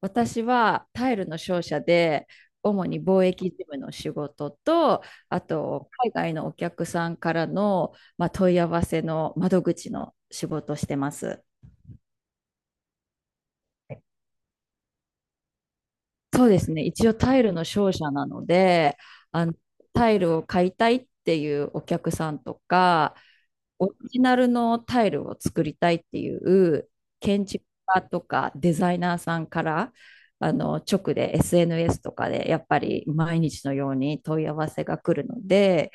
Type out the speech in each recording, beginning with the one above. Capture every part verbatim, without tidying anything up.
私はタイルの商社で主に貿易事務の仕事と、あと海外のお客さんからの、まあ、問い合わせの窓口の仕事をしてます。そうですね、一応タイルの商社なので、あのタイルを買いたいっていうお客さんとか、オリジナルのタイルを作りたいっていう建築家とかデザイナーさんからあの直で エスエヌエス とかでやっぱり毎日のように問い合わせが来るので、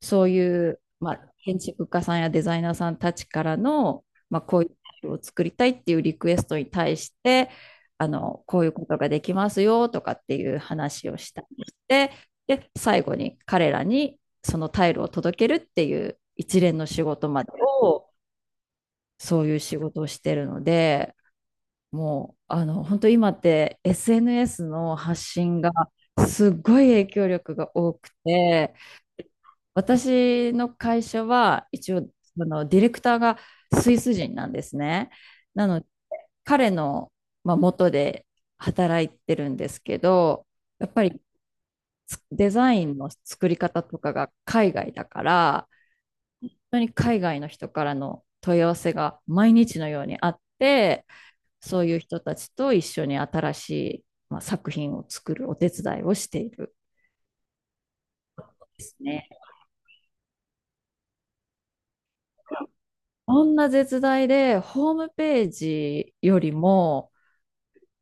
そういう、まあ、建築家さんやデザイナーさんたちからの、まあ、こういうタイルを作りたいっていうリクエストに対して、あのこういうことができますよとかっていう話をしたりして、で最後に彼らにそのタイルを届けるっていう一連の仕事までをそういう仕事をしてるので、もうあの本当今って エスエヌエス の発信がすごい影響力が多くて、私の会社は一応そのディレクターがスイス人なんですね。なので彼の、まあ、元で働いてるんですけど、やっぱりデザインの作り方とかが海外だから、当に海外の人からの問い合わせが毎日のようにあって、そういう人たちと一緒に新しい、まあ、作品を作るお手伝いをしているですね。こんな絶大で、ホームページよりも、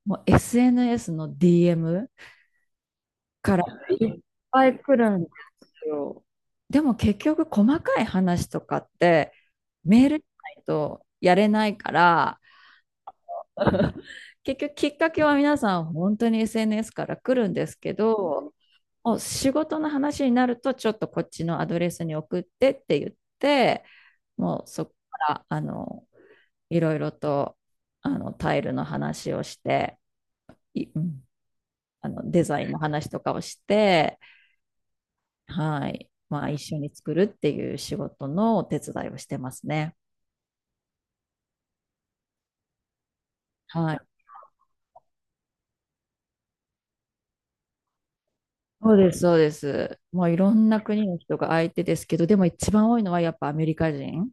もう エスエヌエス の ディーエム からいっぱい来るんですよ。でも結局細かい話とかってメールじゃないとやれないから、結局きっかけは皆さん本当に エスエヌエス から来るんですけど、お仕事の話になるとちょっとこっちのアドレスに送ってって言って、もうそこからあのいろいろとあのタイルの話をして、いうんあのデザインの話とかをして、はい、まあ一緒に作るっていう仕事のお手伝いをしてますね。はい。そうです、そうです。もういろんな国の人が相手ですけど、でも一番多いのはやっぱアメリカ人。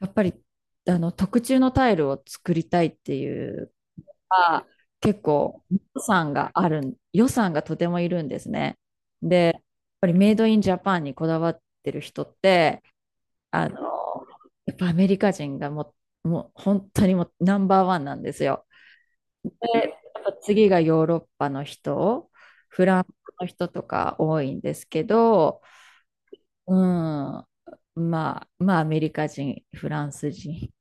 やっぱりあの特注のタイルを作りたいっていうか、結構予算があるん、予算がとてもいるんですね。で、やっぱりメイドインジャパンにこだわってる人って、あの、やっぱアメリカ人がもう、もう本当にもうナンバーワンなんですよ。で、やっぱ次がヨーロッパの人、フランスの人とか多いんですけど、うん。まあ、まあ、アメリカ人、フランス人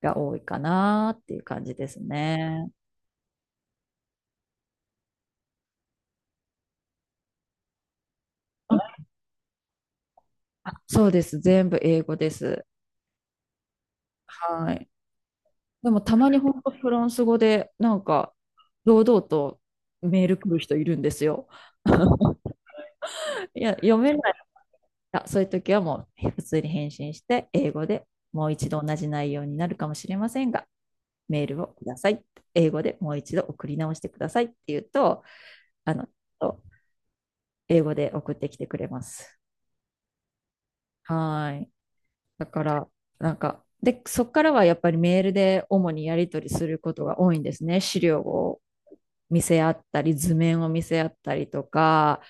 が多いかなっていう感じですね。そうです。全部英語です。はい。でも、たまに本当フランス語で、なんか、堂々とメール来る人いるんですよ。いや、読めない。あ、そういう時はもう、普通に返信して、英語でもう一度同じ内容になるかもしれませんが、メールをください。英語でもう一度送り直してくださいって言うと、あの、英語で送ってきてくれます。はい。だから、なんか、で、そこからはやっぱりメールで主にやり取りすることが多いんですね。資料を見せ合ったり、図面を見せ合ったりとか、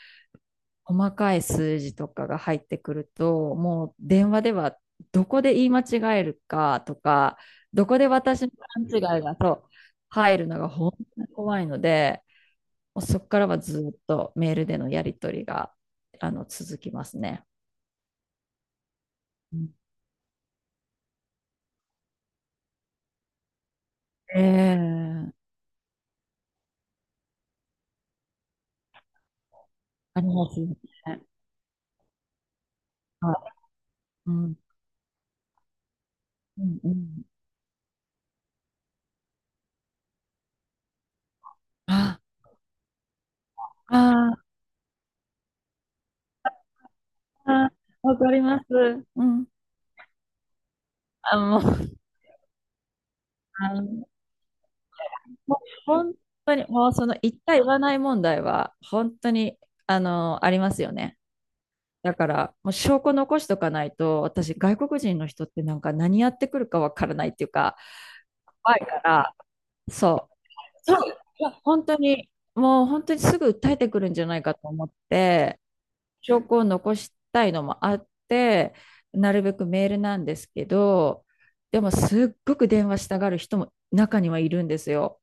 細かい数字とかが入ってくると、もう電話ではどこで言い間違えるかとか、どこで私の勘違いがそう入るのが本当に怖いので、もうそこからはずっとメールでのやり取りがあの続きますね。うん、ええ、ありますよね。はい。うん。うんうん。あ、あー、あー、ああ、わかります。うん。あ、もう、あの、もう本当に、もうその言った言わない問題は、本当に、あの、ありますよね。だから、もう証拠残しとかないと、私、外国人の人ってなんか何やってくるかわからないっていうか、怖いから、そう。そう。いや、本当に、もう本当にすぐ訴えてくるんじゃないかと思って、証拠を残したいのもあって、なるべくメールなんですけど、でもすっごく電話したがる人も中にはいるんですよ。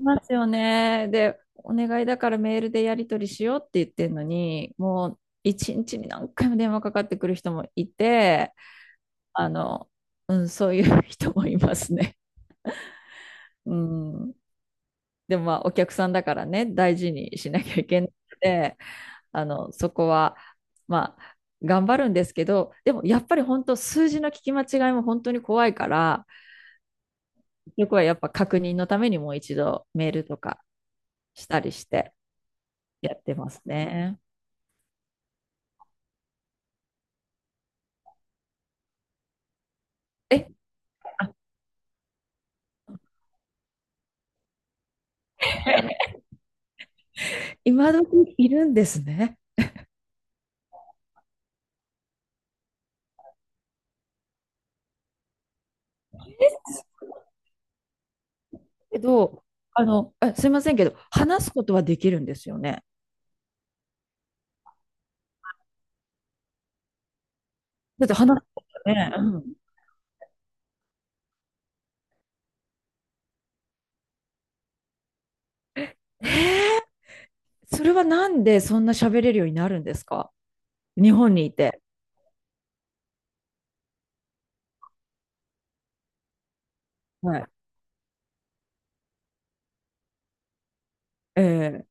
いますよね。で、お願いだからメールでやり取りしようって言ってるのに、もう一日に何回も電話かかってくる人もいて、あの、うん、そういう人もいますね。うん。でもまあお客さんだからね、大事にしなきゃいけなくて、あのそこは、まあ、頑張るんですけど、でもやっぱり本当、数字の聞き間違いも本当に怖いから、結局はやっぱ確認のためにもう一度メールとかしたりしてやってますね。え、あ、 今時いるんですね。けど、あの、あすいませんけど、話すことはできるんですよね。だって話すことね。うん、えー、それはなんでそんな喋れるようになるんですか？日本にいて。はい。えー、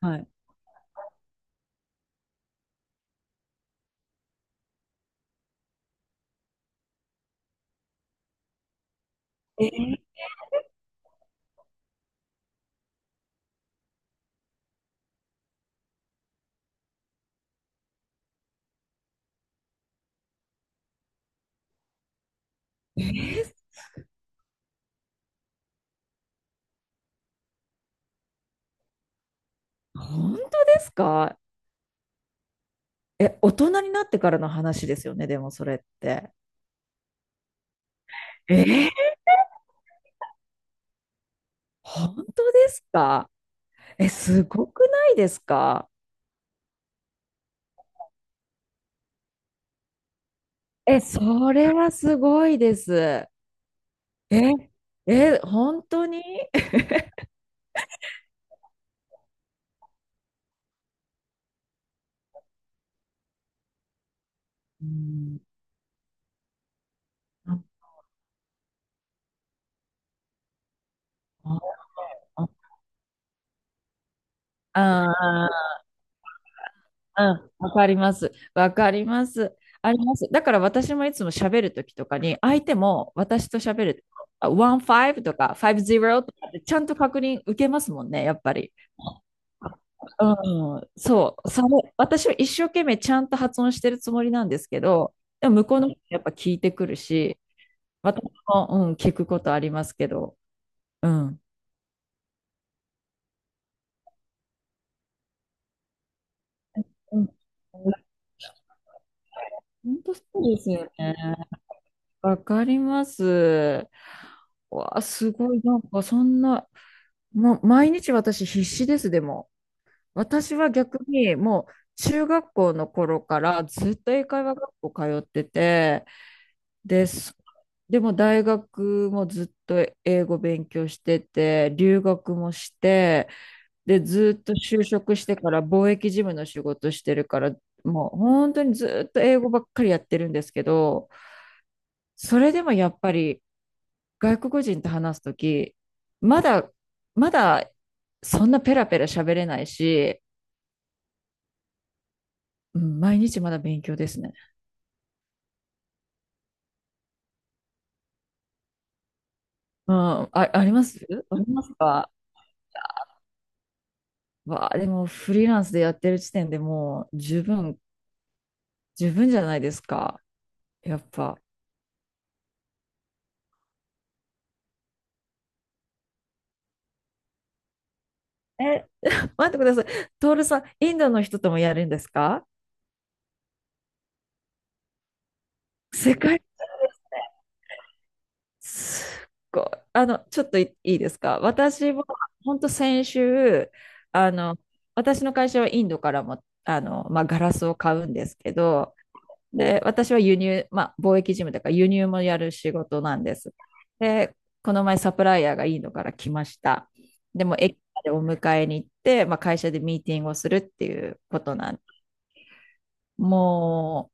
はい。えー、本当ですか？え、大人になってからの話ですよね、でもそれって。えー、本当ですか？え、すごくないですか？え、それはすごいです。え、え、本当に。うん。あ、あ、あ。うん、わかります。わかります。あります。だから私もいつも喋るときとかに、相手も私と喋ると、じゅうごとかごじゅうとかってちゃんと確認受けますもんね、やっぱり。うん、そう、それ、私は一生懸命ちゃんと発音してるつもりなんですけど、でも向こうの人やっぱ聞いてくるし、私も、うん、聞くことありますけど、うん。うん、本当そうですよね。わかります。わあ、すごい、なんかそんな、もう毎日私必死です、でも。私は逆にもう中学校の頃からずっと英会話学校通ってて、で、そでも大学もずっと英語勉強してて、留学もして、で、ずっと就職してから貿易事務の仕事してるから、もう本当にずっと英語ばっかりやってるんですけど、それでもやっぱり外国人と話すとき、まだ、まだ、そんなペラペラ喋れないし、うん、毎日まだ勉強ですね。うん、あ、あります。ありますか？わあ、でもフリーランスでやってる時点でもう十分、十分じゃないですか。やっぱ。え、待ってください。トールさん、インドの人ともやるんですか？世界すっごい。あの、ちょっといいいですか？私は、本当先週、あの、私の会社はインドからも、あの、まあ、ガラスを買うんですけど、で、私は輸入、まあ、貿易事務だから輸入もやる仕事なんです。で、この前サプライヤーがインドから来ました。でも、駅までお迎えに行って、まあ、会社でミーティングをするっていうことなんも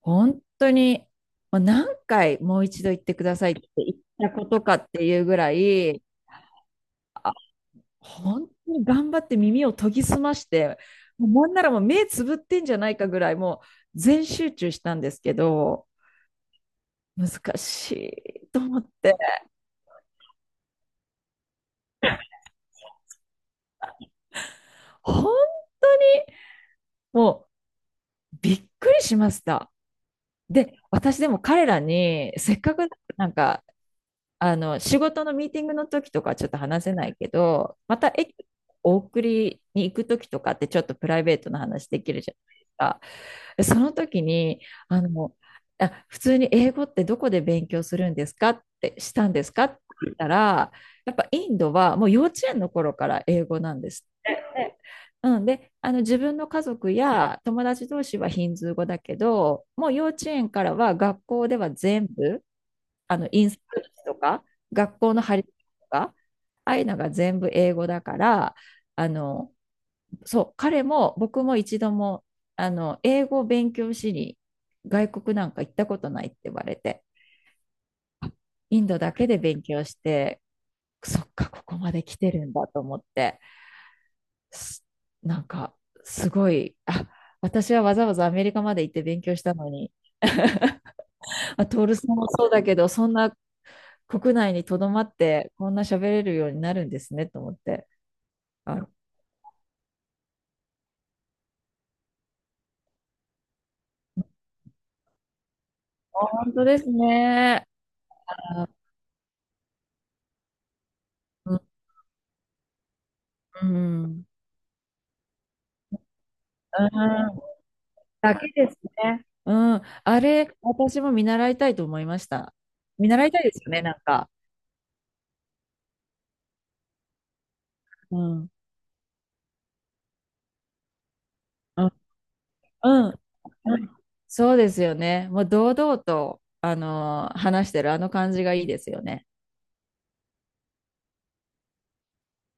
本当に、まあ、何回もう一度言ってくださいって言ったことかっていうぐらい、あ、本当に頑張って耳を研ぎ澄まして、もうなんならもう目つぶってんじゃないかぐらい、もう全集中したんですけど、難しいと思って、本当にもうびっくりしました。で、私でも彼らに、せっかくなんかあの、仕事のミーティングの時とかはちょっと話せないけど、また駅、お送りに行く時とかってちょっとプライベートな話できるじゃないですか。その時に、あの、あ、普通に英語ってどこで勉強するんですかってしたんですかって言ったら、やっぱインドはもう幼稚園の頃から英語なんですって。うん、で、あの自分の家族や友達同士はヒンズー語だけど、もう幼稚園からは学校では全部あの、インスタとか、学校の張り紙とか、ああいうのが全部英語だから、あの、そう、彼も僕も一度も、あの、英語を勉強しに外国なんか行ったことないって言われて、インドだけで勉強して、そっか、ここまで来てるんだと思って、すなんか、すごい、あ、私はわざわざアメリカまで行って勉強したのに、あ、トールさんもそうだけど、そんな国内にとどまって、こんな喋れるようになるんですねと思って。あ、本当ですね。あ、うん、うんうん。だけですね。うん、あれ、私も見習いたいと思いました。見習いたいですよね、なんか。うん、うん、うん、うん、そうですよね。もう堂々と、あのー話してるあの感じがいいですよね。